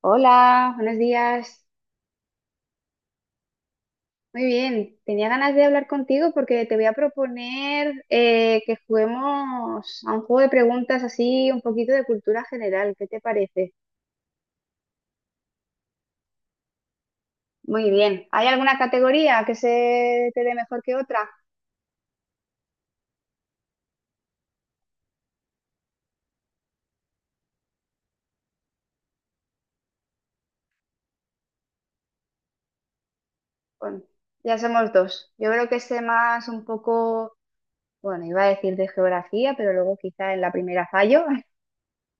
Hola, buenos días. Muy bien, tenía ganas de hablar contigo porque te voy a proponer que juguemos a un juego de preguntas así, un poquito de cultura general. ¿Qué te parece? Muy bien. ¿Hay alguna categoría que se te dé mejor que otra? Bueno, ya somos dos. Yo creo que sé más un poco, bueno, iba a decir de geografía, pero luego quizá en la primera fallo.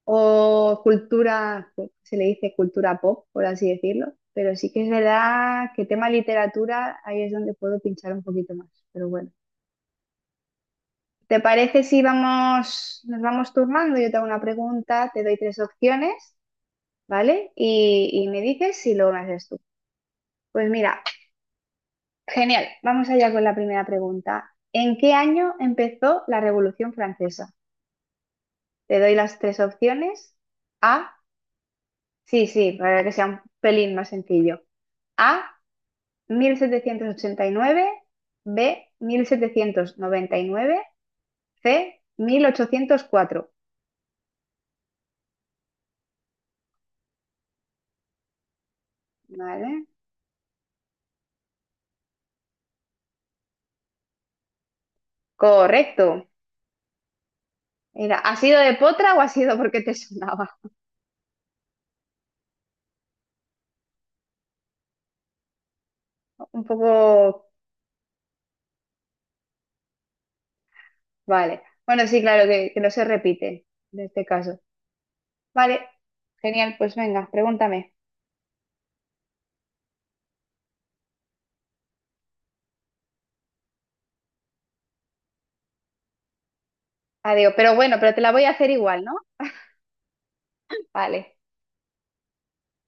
O cultura, pues, se le dice cultura pop, por así decirlo, pero sí que es verdad que tema literatura, ahí es donde puedo pinchar un poquito más, pero bueno. ¿Te parece si vamos, nos vamos turnando? Yo te hago una pregunta, te doy tres opciones, ¿vale? Y me dices y luego me haces tú. Pues mira, genial, vamos allá con la primera pregunta. ¿En qué año empezó la Revolución Francesa? Te doy las tres opciones. A, sí, sí, para que sea un pelín más sencillo. A, 1789, B, 1799, C, 1804. ¿Vale? Correcto. Mira, ¿ha sido de potra o ha sido porque te sonaba? Un poco... Vale. Bueno, sí, claro, que no se repite en este caso. Vale, genial, pues venga, pregúntame. Adiós. Pero bueno, pero te la voy a hacer igual, ¿no? Vale,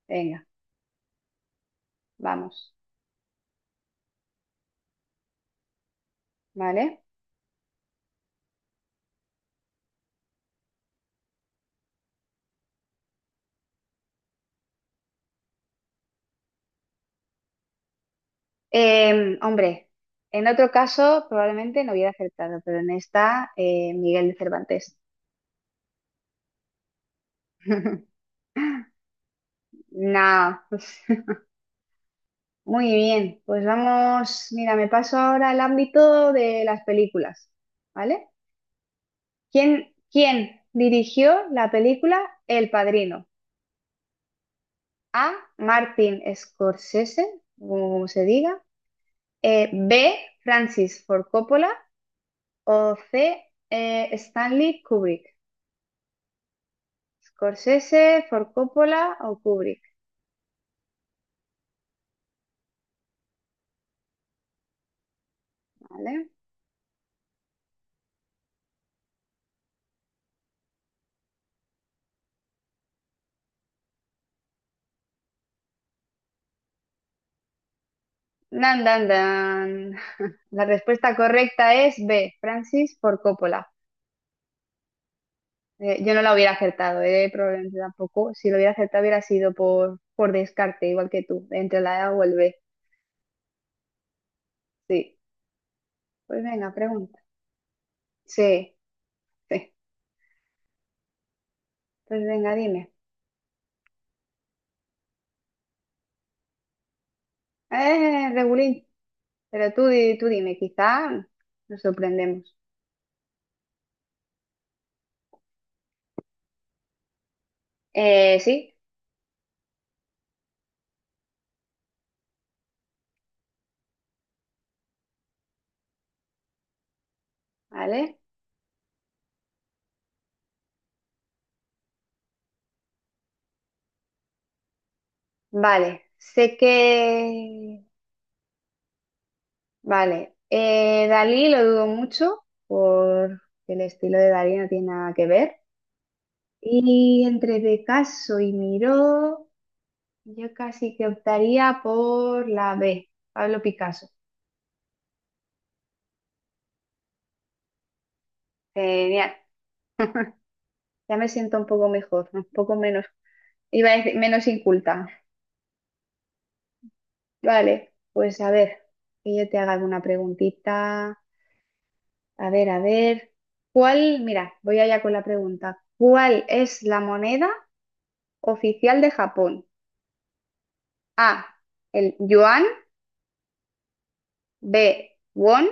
venga, vamos. Vale. Hombre, en otro caso probablemente no hubiera acertado, pero en esta, Miguel de Cervantes. No, muy bien, pues vamos, mira, me paso ahora al ámbito de las películas, ¿vale? ¿Quién dirigió la película El Padrino? A, Martin Scorsese, o como se diga. B, Francis Ford Coppola. O C, Stanley Kubrick. Scorsese, For Coppola o Kubrick, ¿vale? Dan, dan, dan. La respuesta correcta es B, Francis Ford Coppola. Yo no la hubiera acertado, probablemente tampoco. Si lo hubiera acertado hubiera sido por descarte, igual que tú, entre la A o el B. Sí. Pues venga, pregunta. Sí, sí. Pues venga, dime. Regulín, pero tú dime, quizá nos sorprendemos. Sí, vale. Vale, sé que... Vale, Dalí lo dudo mucho porque el estilo de Dalí no tiene nada que ver. Y entre Picasso y Miró, yo casi que optaría por la B, Pablo Picasso. Genial, ya me siento un poco mejor, un poco menos, iba a decir, menos inculta. Vale, pues a ver, que yo te haga alguna preguntita. A ver, ¿cuál? Mira, voy allá con la pregunta. ¿Cuál es la moneda oficial de Japón? A, el yuan, B, won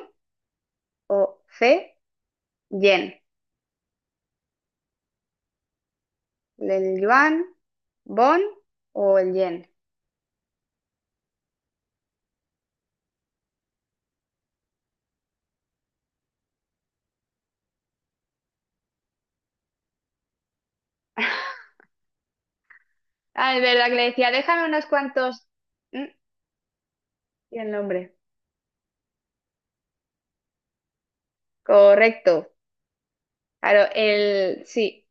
o C, yen. El yuan, bon o el yen. Ah, es verdad que le decía, déjame unos cuantos. Mm, y el nombre. Correcto. Claro, el. Sí,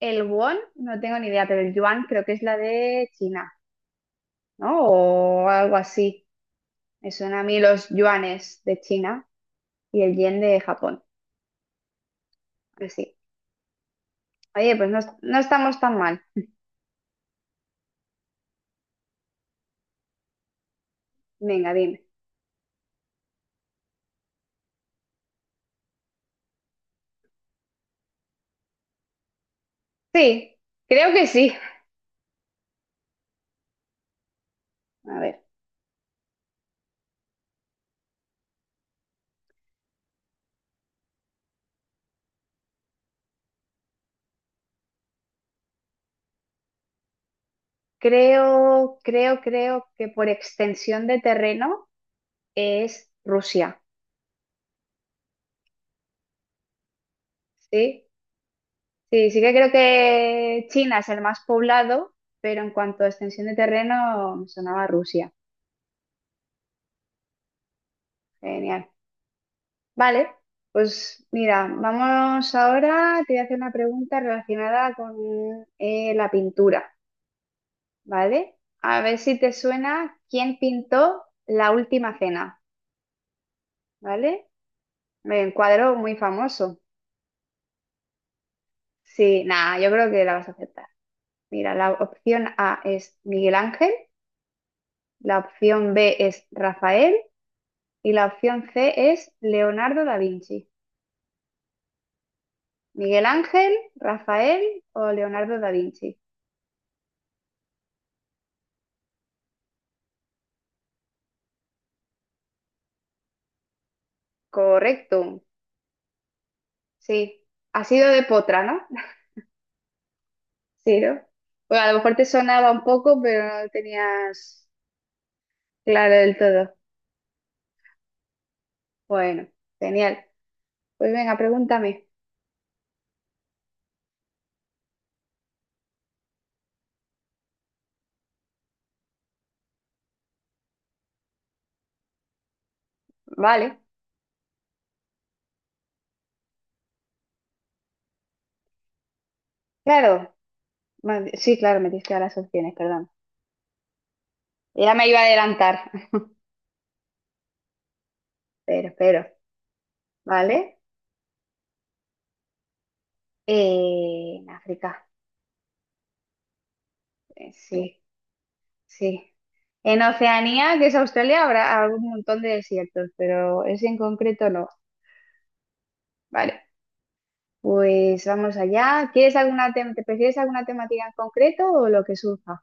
el won, no tengo ni idea, pero el yuan creo que es la de China, ¿no? O algo así. Me suena a mí los yuanes de China y el yen de Japón. Así. Oye, pues no, no estamos tan mal. Venga, dime. Sí, creo que sí. A ver, creo que por extensión de terreno es Rusia. Sí, sí, sí que creo que China es el más poblado, pero en cuanto a extensión de terreno me sonaba Rusia. Genial. Vale, pues mira, vamos ahora, te voy a hacer una pregunta relacionada con la pintura, ¿vale? A ver si te suena quién pintó La Última Cena, ¿vale? Un cuadro muy famoso. Sí, nada, yo creo que la vas a aceptar. Mira, la opción A es Miguel Ángel, la opción B es Rafael y la opción C es Leonardo da Vinci. Miguel Ángel, Rafael o Leonardo da Vinci. Correcto, sí. Ha sido de potra, ¿no? Sí, ¿no? Bueno, a lo mejor te sonaba un poco, pero no lo tenías claro del todo. Bueno, genial. Pues venga, pregúntame. Vale, claro. Vale, sí, claro, me diste las opciones, perdón. Ya me iba a adelantar, pero, pero, ¿vale? En África, sí, sí. En Oceanía, que es Australia, habrá algún montón de desiertos, pero ese en concreto no. Vale, pues vamos allá. ¿Quieres alguna te prefieres alguna temática en concreto o lo que surja?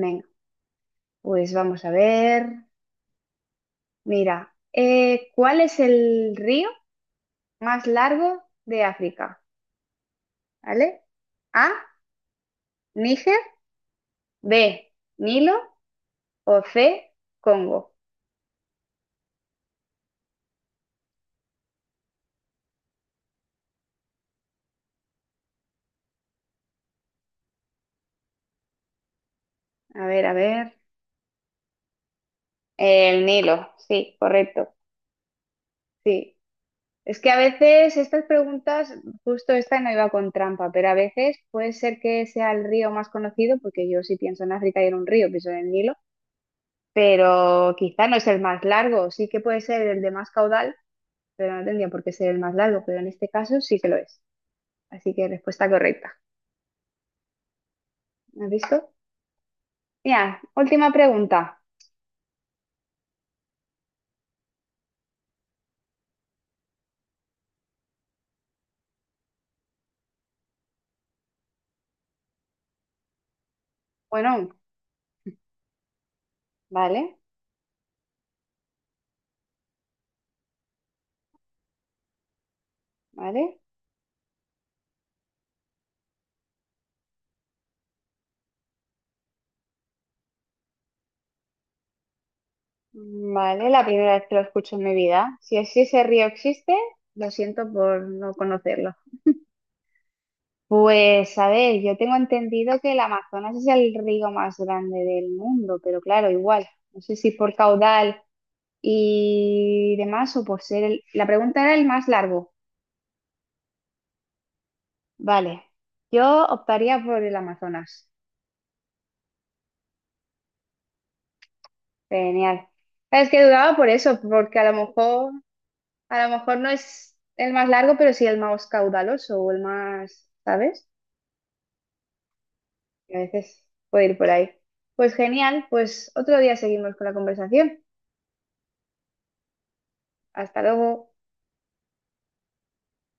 Venga, pues vamos a ver. Mira, ¿cuál es el río más largo de África? ¿Vale? A, Níger. B, Nilo o C, Congo. A ver, a ver. El Nilo, sí, correcto, sí. Es que a veces estas preguntas, justo esta no iba con trampa, pero a veces puede ser que sea el río más conocido, porque yo sí pienso en África y en un río, pienso en el Nilo, pero quizá no es el más largo, sí que puede ser el de más caudal, pero no tendría por qué ser el más largo, pero en este caso sí que lo es. Así que respuesta correcta. ¿Has visto? Mira, última pregunta. Bueno, vale. ¿Vale? Vale, la primera vez que lo escucho en mi vida. Si ese río existe, lo siento por no conocerlo. Pues a ver, yo tengo entendido que el Amazonas es el río más grande del mundo, pero claro, igual, no sé si por caudal y demás o por ser el... La pregunta era el más largo. Vale, yo optaría por el Amazonas. Genial. Es que dudaba por eso, porque a lo mejor no es el más largo, pero sí el más caudaloso o el más, ¿sabes? A veces puede ir por ahí. Pues genial, pues otro día seguimos con la conversación. Hasta luego.